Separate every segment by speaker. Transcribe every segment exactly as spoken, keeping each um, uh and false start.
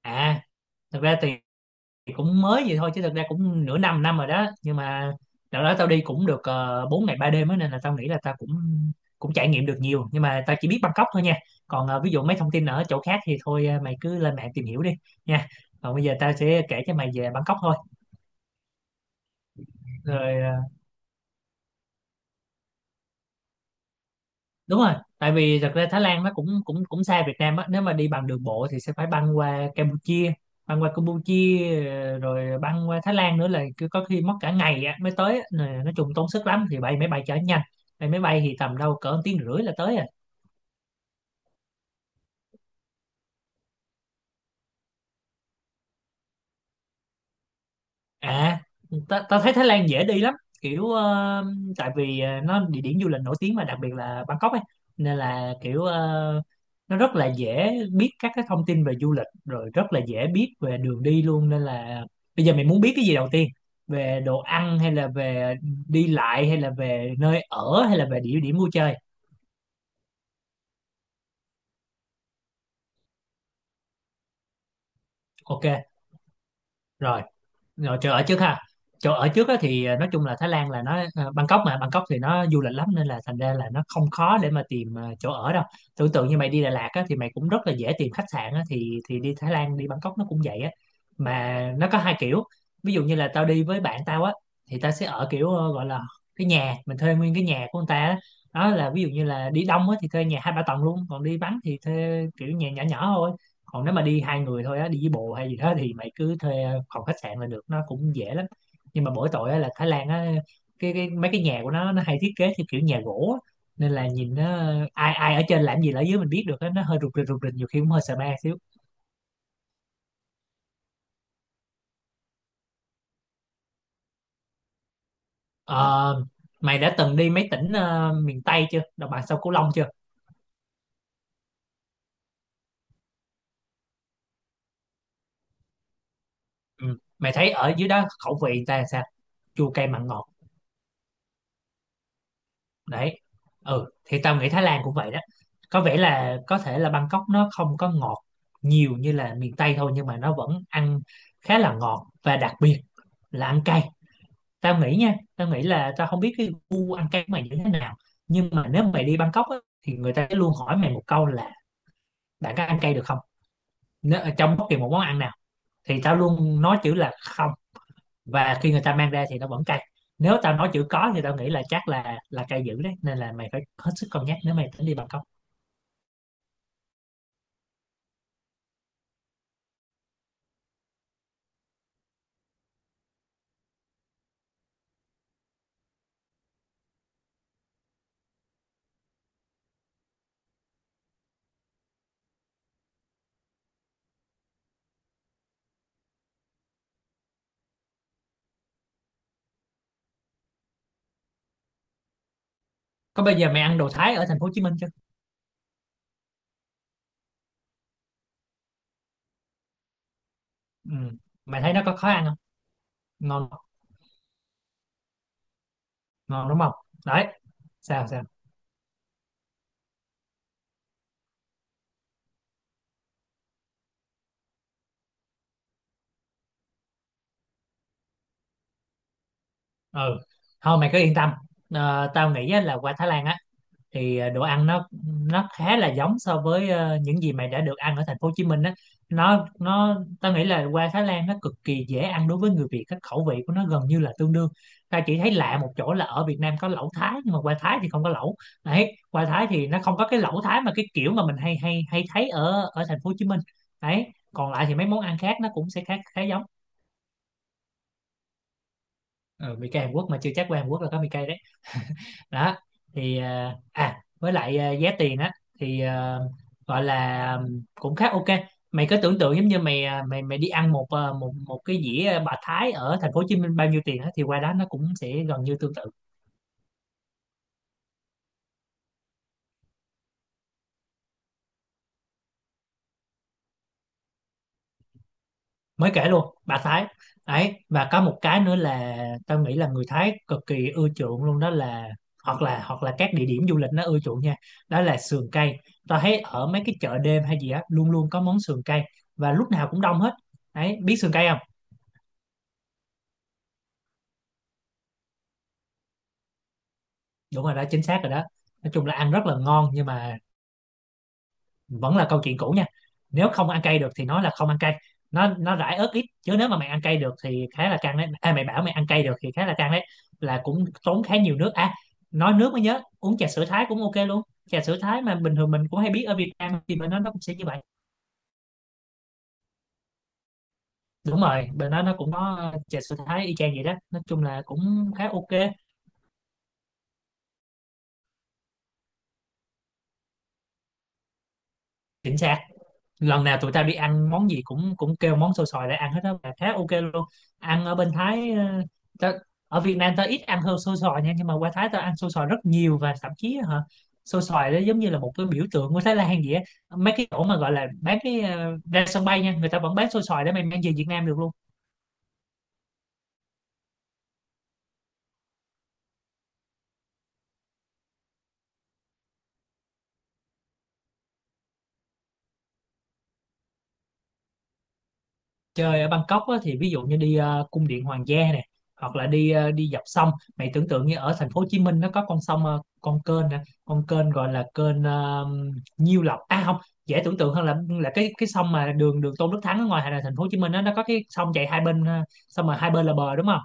Speaker 1: À, thật ra thì cũng mới vậy thôi, chứ thật ra cũng nửa năm năm rồi đó. Nhưng mà đợt đó tao đi cũng được uh, bốn ngày ba đêm á, nên là tao nghĩ là tao cũng cũng trải nghiệm được nhiều. Nhưng mà tao chỉ biết Bangkok thôi nha. Còn ờ, ví dụ mấy thông tin ở chỗ khác thì thôi, ờ, mày cứ lên mạng tìm hiểu đi nha. Còn bây giờ tao sẽ kể cho mày về Bangkok thôi. Rồi, ờ, đúng rồi. Tại vì thật ra Thái Lan nó cũng cũng cũng xa Việt Nam á. Nếu mà đi bằng đường bộ thì sẽ phải băng qua Campuchia, băng qua Campuchia ờ, rồi băng qua Thái Lan nữa, là cứ có khi mất cả ngày á mới tới á. Nè, nói chung tốn sức lắm, thì bay máy bay chở nhanh. Bay máy bay thì tầm đâu cỡ một tiếng rưỡi là tới rồi. À, ta, ta thấy Thái Lan dễ đi lắm. Kiểu ờ, tại vì ờ, nó địa điểm du lịch nổi tiếng, mà đặc biệt là Bangkok ấy. Nên là kiểu ờ, nó rất là dễ biết các cái thông tin về du lịch, rồi rất là dễ biết về đường đi luôn. Nên là bây giờ mình muốn biết cái gì đầu tiên: về đồ ăn, hay là về đi lại, hay là về nơi ở, hay là về địa điểm vui chơi? Ok, rồi. Rồi, chỗ ở trước ha. Chỗ ở trước á thì à, nói chung là Thái Lan là nó ờ, Bangkok, mà Bangkok thì nó du lịch lắm, nên là thành ra là nó không khó để mà tìm ờ, chỗ ở đâu. Tưởng tượng như mày đi Đà Lạt á, thì mày cũng rất là dễ tìm khách sạn á. Thì thì đi Thái Lan, đi Bangkok, nó cũng vậy á. Mà nó có hai kiểu. Ví dụ như là tao đi với bạn tao á, thì tao sẽ ở kiểu ờ, gọi là cái nhà, mình thuê nguyên cái nhà của người ta á. Đó là ví dụ như là đi đông á thì thuê nhà hai ba tầng luôn, còn đi vắng thì thuê kiểu nhà nhỏ nhỏ thôi. Còn nếu mà đi hai người thôi á, đi với bồ hay gì đó, thì mày cứ thuê phòng khách sạn là được, nó cũng dễ lắm. Nhưng mà mỗi tội á, là Thái Lan á, cái, cái mấy cái nhà của nó nó hay thiết kế theo kiểu nhà gỗ á. Nên là nhìn nó, ai ai ở trên làm gì là ở dưới mình biết được á. Nó hơi rụt rịch rụt rịch, nhiều khi cũng hơi sợ ma xíu. Ờ, mày đã từng đi mấy tỉnh ờ, miền Tây chưa, đồng bằng sông Cửu Long chưa? Ừ. Mày thấy ở dưới đó khẩu vị người ta làm sao? Chua cay mặn ngọt. Đấy. Ừ, thì tao nghĩ Thái Lan cũng vậy đó. Có vẻ là có thể là Bangkok nó không có ngọt nhiều như là miền Tây thôi, nhưng mà nó vẫn ăn khá là ngọt. Và đặc biệt là ăn cay. Tao nghĩ nha, tao nghĩ là tao không biết cái gu ăn cay của mày như thế nào. Nhưng mà nếu mày đi Bangkok á, thì người ta sẽ luôn hỏi mày một câu là: bạn có ăn cay được không. Nếu, ở trong bất kỳ một món ăn nào thì tao luôn nói chữ là không, và khi người ta mang ra thì nó vẫn cay. Nếu tao nói chữ có thì tao nghĩ là chắc là là cay dữ đấy, nên là mày phải hết sức cân nhắc nếu mày tính đi Bangkok. Có, bây giờ mày ăn đồ Thái ở thành phố Hồ Chí Minh chưa? Ừ. Mày thấy nó có khó ăn không? Ngon. Ngon đúng không? Đấy. Sao sao? Ừ, thôi mày cứ yên tâm. Ờ, tao nghĩ á, là qua Thái Lan á thì ờ, đồ ăn nó nó khá là giống so với ờ, những gì mày đã được ăn ở thành phố Hồ Chí Minh á. Nó nó Tao nghĩ là qua Thái Lan nó cực kỳ dễ ăn đối với người Việt, các khẩu vị của nó gần như là tương đương. Ta chỉ thấy lạ một chỗ là ở Việt Nam có lẩu Thái, nhưng mà qua Thái thì không có lẩu. Đấy, qua Thái thì nó không có cái lẩu Thái mà cái kiểu mà mình hay hay hay thấy ở ở thành phố Hồ Chí Minh. Đấy, còn lại thì mấy món ăn khác nó cũng sẽ khá khá giống. Ừ, mì cay Hàn Quốc mà chưa chắc qua Hàn Quốc là có mì cay đó. Thì à à, với lại à, giá tiền á thì à, gọi là cũng khá ok. Mày cứ tưởng tượng giống như mày à, mày mày đi ăn một à, một một cái dĩa bà Thái ở thành phố Hồ Chí Minh bao nhiêu tiền á, thì qua đó nó cũng sẽ gần như tương tự. Mới kể luôn bà Thái. Đấy và có một cái nữa là tao nghĩ là người Thái cực kỳ ưa chuộng luôn, đó là hoặc là, hoặc là các địa điểm du lịch nó ưa chuộng nha, đó là sườn cây. Tao thấy ở mấy cái chợ đêm hay gì á, luôn luôn có món sườn cây, và lúc nào cũng đông hết. Đấy, biết sườn cây không? Đúng rồi đó, chính xác rồi đó. Nói chung là ăn rất là ngon, nhưng mà vẫn là câu chuyện cũ nha. Nếu không ăn cay được thì nói là không ăn cay, nó nó rải ớt ít chứ nếu mà mày ăn cay được thì khá là căng đấy. À, mày bảo mày ăn cay được thì khá là căng đấy, là cũng tốn khá nhiều nước à. Nói nước mới nhớ, uống trà sữa Thái cũng ok luôn. Trà sữa Thái mà bình thường mình cũng hay biết ở Việt Nam, thì bên đó nó cũng sẽ như vậy. Đúng rồi, bên đó nó cũng có trà sữa Thái y chang vậy đó, nói chung là cũng khá ok. Chính xác. Lần nào tụi tao đi ăn món gì cũng cũng kêu món xôi xoài để ăn hết đó, và khá ok luôn. Ăn ở bên Thái, ờ, tao, ở Việt Nam tao ít ăn hơn xôi xoài nha, nhưng mà qua Thái tao ăn xôi xoài rất nhiều, và thậm chí hả, xôi xoài đó giống như là một cái biểu tượng của Thái Lan vậy á. Mấy cái chỗ mà gọi là bán cái ờ, ra sân bay nha, người ta vẫn bán xôi xoài để mày mang về Việt Nam được luôn. Chơi ở Bangkok á, thì ví dụ như đi ờ, cung điện Hoàng gia nè, hoặc là đi ờ, đi dọc sông. Mày tưởng tượng như ở thành phố Hồ Chí Minh nó có con sông, ờ, con kênh nè, con kênh gọi là kênh ờ, Nhiêu Lộc, à không. Dễ tưởng tượng hơn là là cái cái sông mà đường đường Tôn Đức Thắng ở ngoài thành phố Hồ Chí Minh á, nó có cái sông chạy hai bên, ờ, xong rồi hai bên là bờ, đúng không?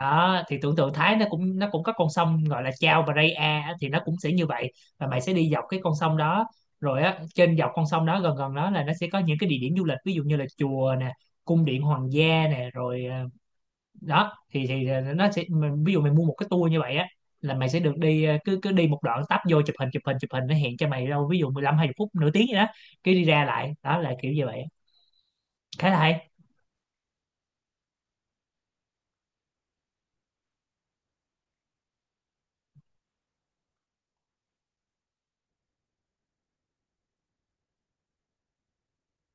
Speaker 1: Đó thì tưởng tượng Thái nó cũng nó cũng có con sông gọi là Chao Phraya á, thì nó cũng sẽ như vậy. Và mày sẽ đi dọc cái con sông đó. Rồi á, trên dọc con sông đó gần gần đó là nó sẽ có những cái địa điểm du lịch, ví dụ như là chùa nè, cung điện hoàng gia nè, rồi ờ, đó thì thì ờ, nó sẽ mình- ví dụ mày mua một cái tour như vậy á, là mày sẽ được đi, ờ, cứ cứ đi một đoạn tấp vô chụp hình chụp hình chụp hình, nó hẹn cho mày đâu ví dụ mười lăm hai mươi phút nửa tiếng gì đó, cái đi ra lại. Đó là kiểu như vậy, khá là hay.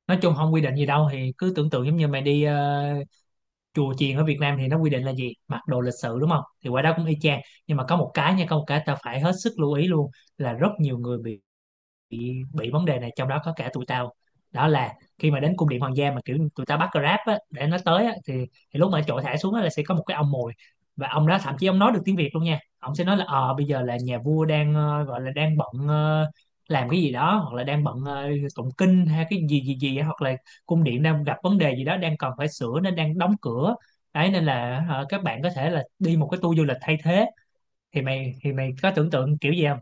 Speaker 1: Nói chung không quy định gì đâu, thì cứ tưởng tượng giống như mày đi ờ, chùa chiền ở Việt Nam thì nó quy định là gì, mặc đồ lịch sự đúng không, thì qua đó cũng y chang. Nhưng mà có một cái nha, có một cái ta phải hết sức lưu ý luôn, là rất nhiều người bị bị vấn đề này, trong đó có cả tụi tao. Đó là khi mà đến cung điện hoàng gia mà kiểu tụi tao bắt Grab á, để nó tới á, thì, thì lúc mà chỗ thả xuống á, là sẽ có một cái ông mồi. Và ông đó thậm chí ông nói được tiếng Việt luôn nha. Ông sẽ nói là ờ bây giờ là nhà vua đang ờ, gọi là đang bận, ờ, làm cái gì đó, hoặc là đang bận ờ, tụng kinh hay cái gì gì gì, hoặc là cung điện đang gặp vấn đề gì đó, đang cần phải sửa nên đang đóng cửa đấy. Nên là ờ, các bạn có thể là đi một cái tour du lịch thay thế. Thì mày thì mày có tưởng tượng kiểu gì không?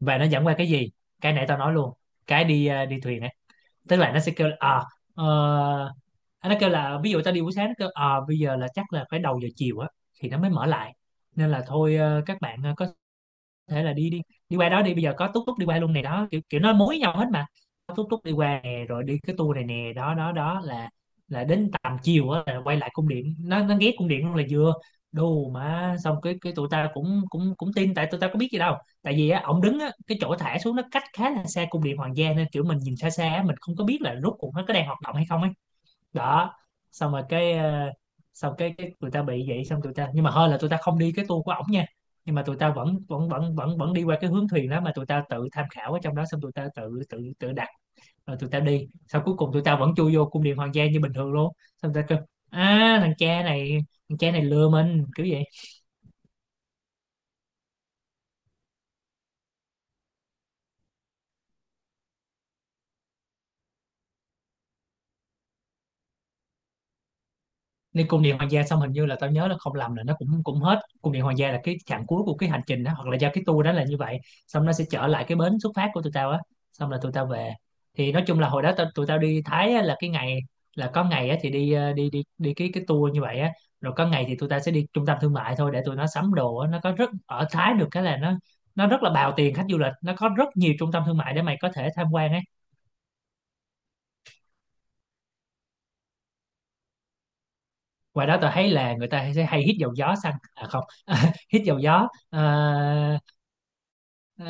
Speaker 1: Và nó dẫn qua cái gì? Cái nãy tao nói luôn, cái đi ờ, đi thuyền ấy. Tức là nó sẽ kêu là à ờ, nó kêu là ví dụ tao đi buổi sáng, nó kêu à bây giờ là chắc là phải đầu giờ chiều á, thì nó mới mở lại. Nên là thôi, ờ, các bạn ờ, có thể là đi đi đi qua đó đi, bây giờ có túc túc đi qua luôn này, đó kiểu kiểu nó mối nhau hết mà, có túc túc đi qua nè rồi đi cái tour này nè. Đó đó, đó là là đến tầm chiều á là quay lại cung điện, nó nó ghé cung điện luôn là vừa. Đù, mà xong cái cái tụi ta cũng cũng cũng tin tại tụi ta có biết gì đâu. Tại vì á ổng đứng á, cái chỗ thả xuống nó cách khá là xa cung điện hoàng gia, nên kiểu mình nhìn xa xa á, mình không có biết là rốt cuộc nó có đang hoạt động hay không ấy. Đó, xong rồi cái ờ, xong cái cái tụi ta bị vậy, xong tụi ta nhưng mà hơi là tụi ta không đi cái tour của ổng nha, nhưng mà tụi ta vẫn vẫn vẫn vẫn vẫn đi qua cái hướng thuyền đó, mà tụi ta tự tham khảo ở trong đó, xong tụi ta tự tự tự đặt rồi tụi ta đi sau. Cuối cùng tụi ta vẫn chui vô cung điện hoàng gia như bình thường luôn. Xong tụi ta kêu à, thằng cha này, thằng cha này lừa mình kiểu vậy. Nên cung điện hoàng gia xong, hình như là tao nhớ là không lầm là nó cũng cũng hết cung điện hoàng gia là cái chặng cuối của cái hành trình đó, hoặc là do cái tour đó là như vậy. Xong nó sẽ trở lại cái bến xuất phát của tụi tao á, xong là tụi tao về. Thì nói chung là hồi đó tụi, tụi tao đi Thái á, là cái ngày là có ngày á, thì đi ờ, đi đi đi cái cái tour như vậy á. Rồi có ngày thì tụi tao sẽ đi trung tâm thương mại thôi để tụi nó sắm đồ á. Nó có rất, ở Thái được cái là nó nó rất là bào tiền khách du lịch, nó có rất nhiều trung tâm thương mại để mày có thể tham quan ấy. Ngoài đó tao thấy là người ta sẽ hay hít dầu gió xăng, à không hít dầu gió. ờ, Ờ,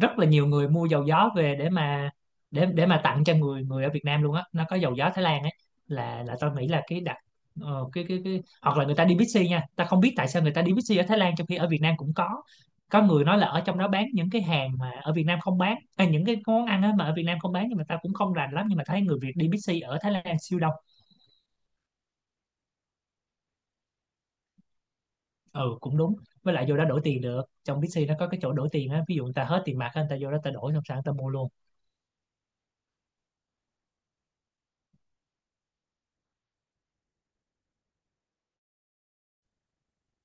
Speaker 1: rất là nhiều người mua dầu gió về để mà để để mà tặng cho người người ở Việt Nam luôn á, nó có dầu gió Thái Lan ấy, là là tôi nghĩ là cái đặc ờ, cái cái cái hoặc là người ta đi Bixi nha, ta không biết tại sao người ta đi Bixi ở Thái Lan trong khi ở Việt Nam cũng có. Có người nói là ở trong đó bán những cái hàng mà ở Việt Nam không bán à, những cái món ăn á mà ở Việt Nam không bán, nhưng mà ta cũng không rành lắm, nhưng mà thấy người Việt đi Bixi ở Thái Lan siêu đông. Ừ, cũng đúng. Với lại vô đó đổi tiền được, trong Bixi nó có cái chỗ đổi tiền á, ví dụ người ta hết tiền mặt á, người ta vô đó ta đổi xong sẵn ta mua luôn.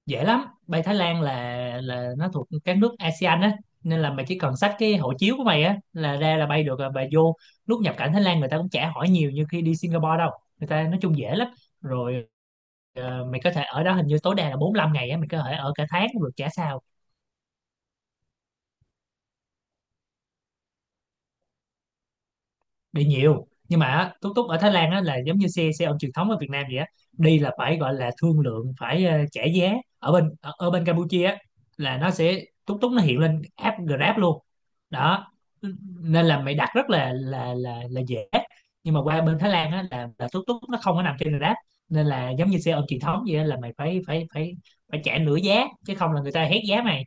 Speaker 1: Dễ lắm, bay Thái Lan là là nó thuộc các nước ây si ân á, nên là mày chỉ cần xách cái hộ chiếu của mày á là ra là bay được rồi. Bà vô lúc nhập cảnh Thái Lan, người ta cũng chả hỏi nhiều như khi đi Singapore đâu, người ta nói chung dễ lắm. Rồi, ờ, mày có thể ở đó hình như tối đa là bốn lăm ngày á, mày có thể ở cả tháng cũng được chả sao. Bị nhiều, nhưng mà á, túc túc ở Thái Lan á, là giống như xe xe ôm truyền thống ở Việt Nam vậy á, đi là phải gọi là thương lượng, phải ờ, trả giá. Ở bên ở, ở bên Campuchia á, là nó sẽ túc túc, nó hiện lên app Grab luôn. Đó, nên là mày đặt rất là là là là dễ. Nhưng mà qua bên Thái Lan á, là là túc túc nó không có nằm trên Grab, nên là giống như xe ôm truyền thống vậy á, là mày phải phải phải phải trả nửa giá, chứ không là người ta hét giá mày.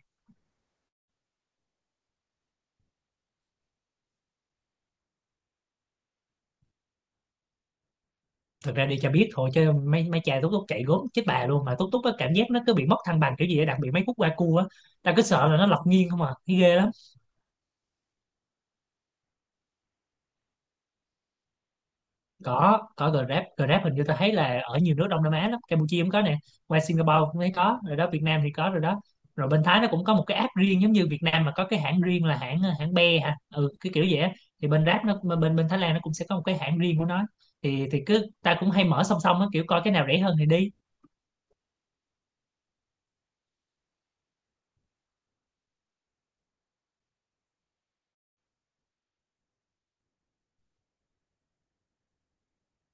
Speaker 1: Thực ra đi cho biết thôi, chứ mấy mấy cha túc túc chạy gốm chết bà luôn, mà túc túc á, cảm giác nó cứ bị mất thăng bằng kiểu gì á, đặc biệt mấy khúc qua cua á, ta cứ sợ là nó lật nghiêng không à, thấy ghê lắm. có có Grab. Grab hình như ta thấy là ở nhiều nước Đông Nam Á lắm, Campuchia cũng có nè, qua Singapore cũng thấy có rồi đó, Việt Nam thì có rồi đó. Rồi bên Thái nó cũng có một cái app riêng, giống như Việt Nam mà có cái hãng riêng là hãng hãng Be hả, ừ cái kiểu vậy á. Thì bên Grab, nó bên bên Thái Lan nó cũng sẽ có một cái hãng riêng của nó, thì thì cứ ta cũng hay mở song song á, kiểu coi cái nào rẻ hơn thì đi.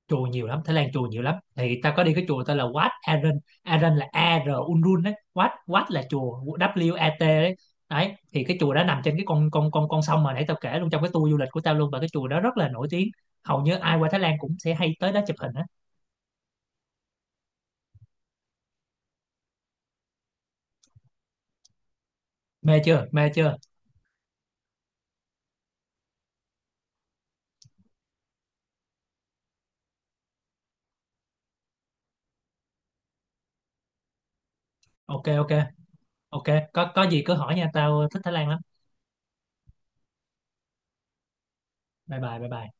Speaker 1: Chùa nhiều lắm, Thái Lan chùa nhiều lắm, thì ta có đi cái chùa tên là Wat Arun. Arun là a rờ Unrun đấy, Wat Wat là chùa, vê kép a tê đấy. Đấy thì cái chùa đó nằm trên cái con con con con sông mà nãy tao kể luôn trong cái tour du lịch của tao luôn, và cái chùa đó rất là nổi tiếng, hầu như ai qua Thái Lan cũng sẽ hay tới đó chụp hình á. Mê chưa, mê chưa? Ok ok, ok, có có gì cứ hỏi nha, tao thích Thái Lan lắm. Bye bye, bye bye.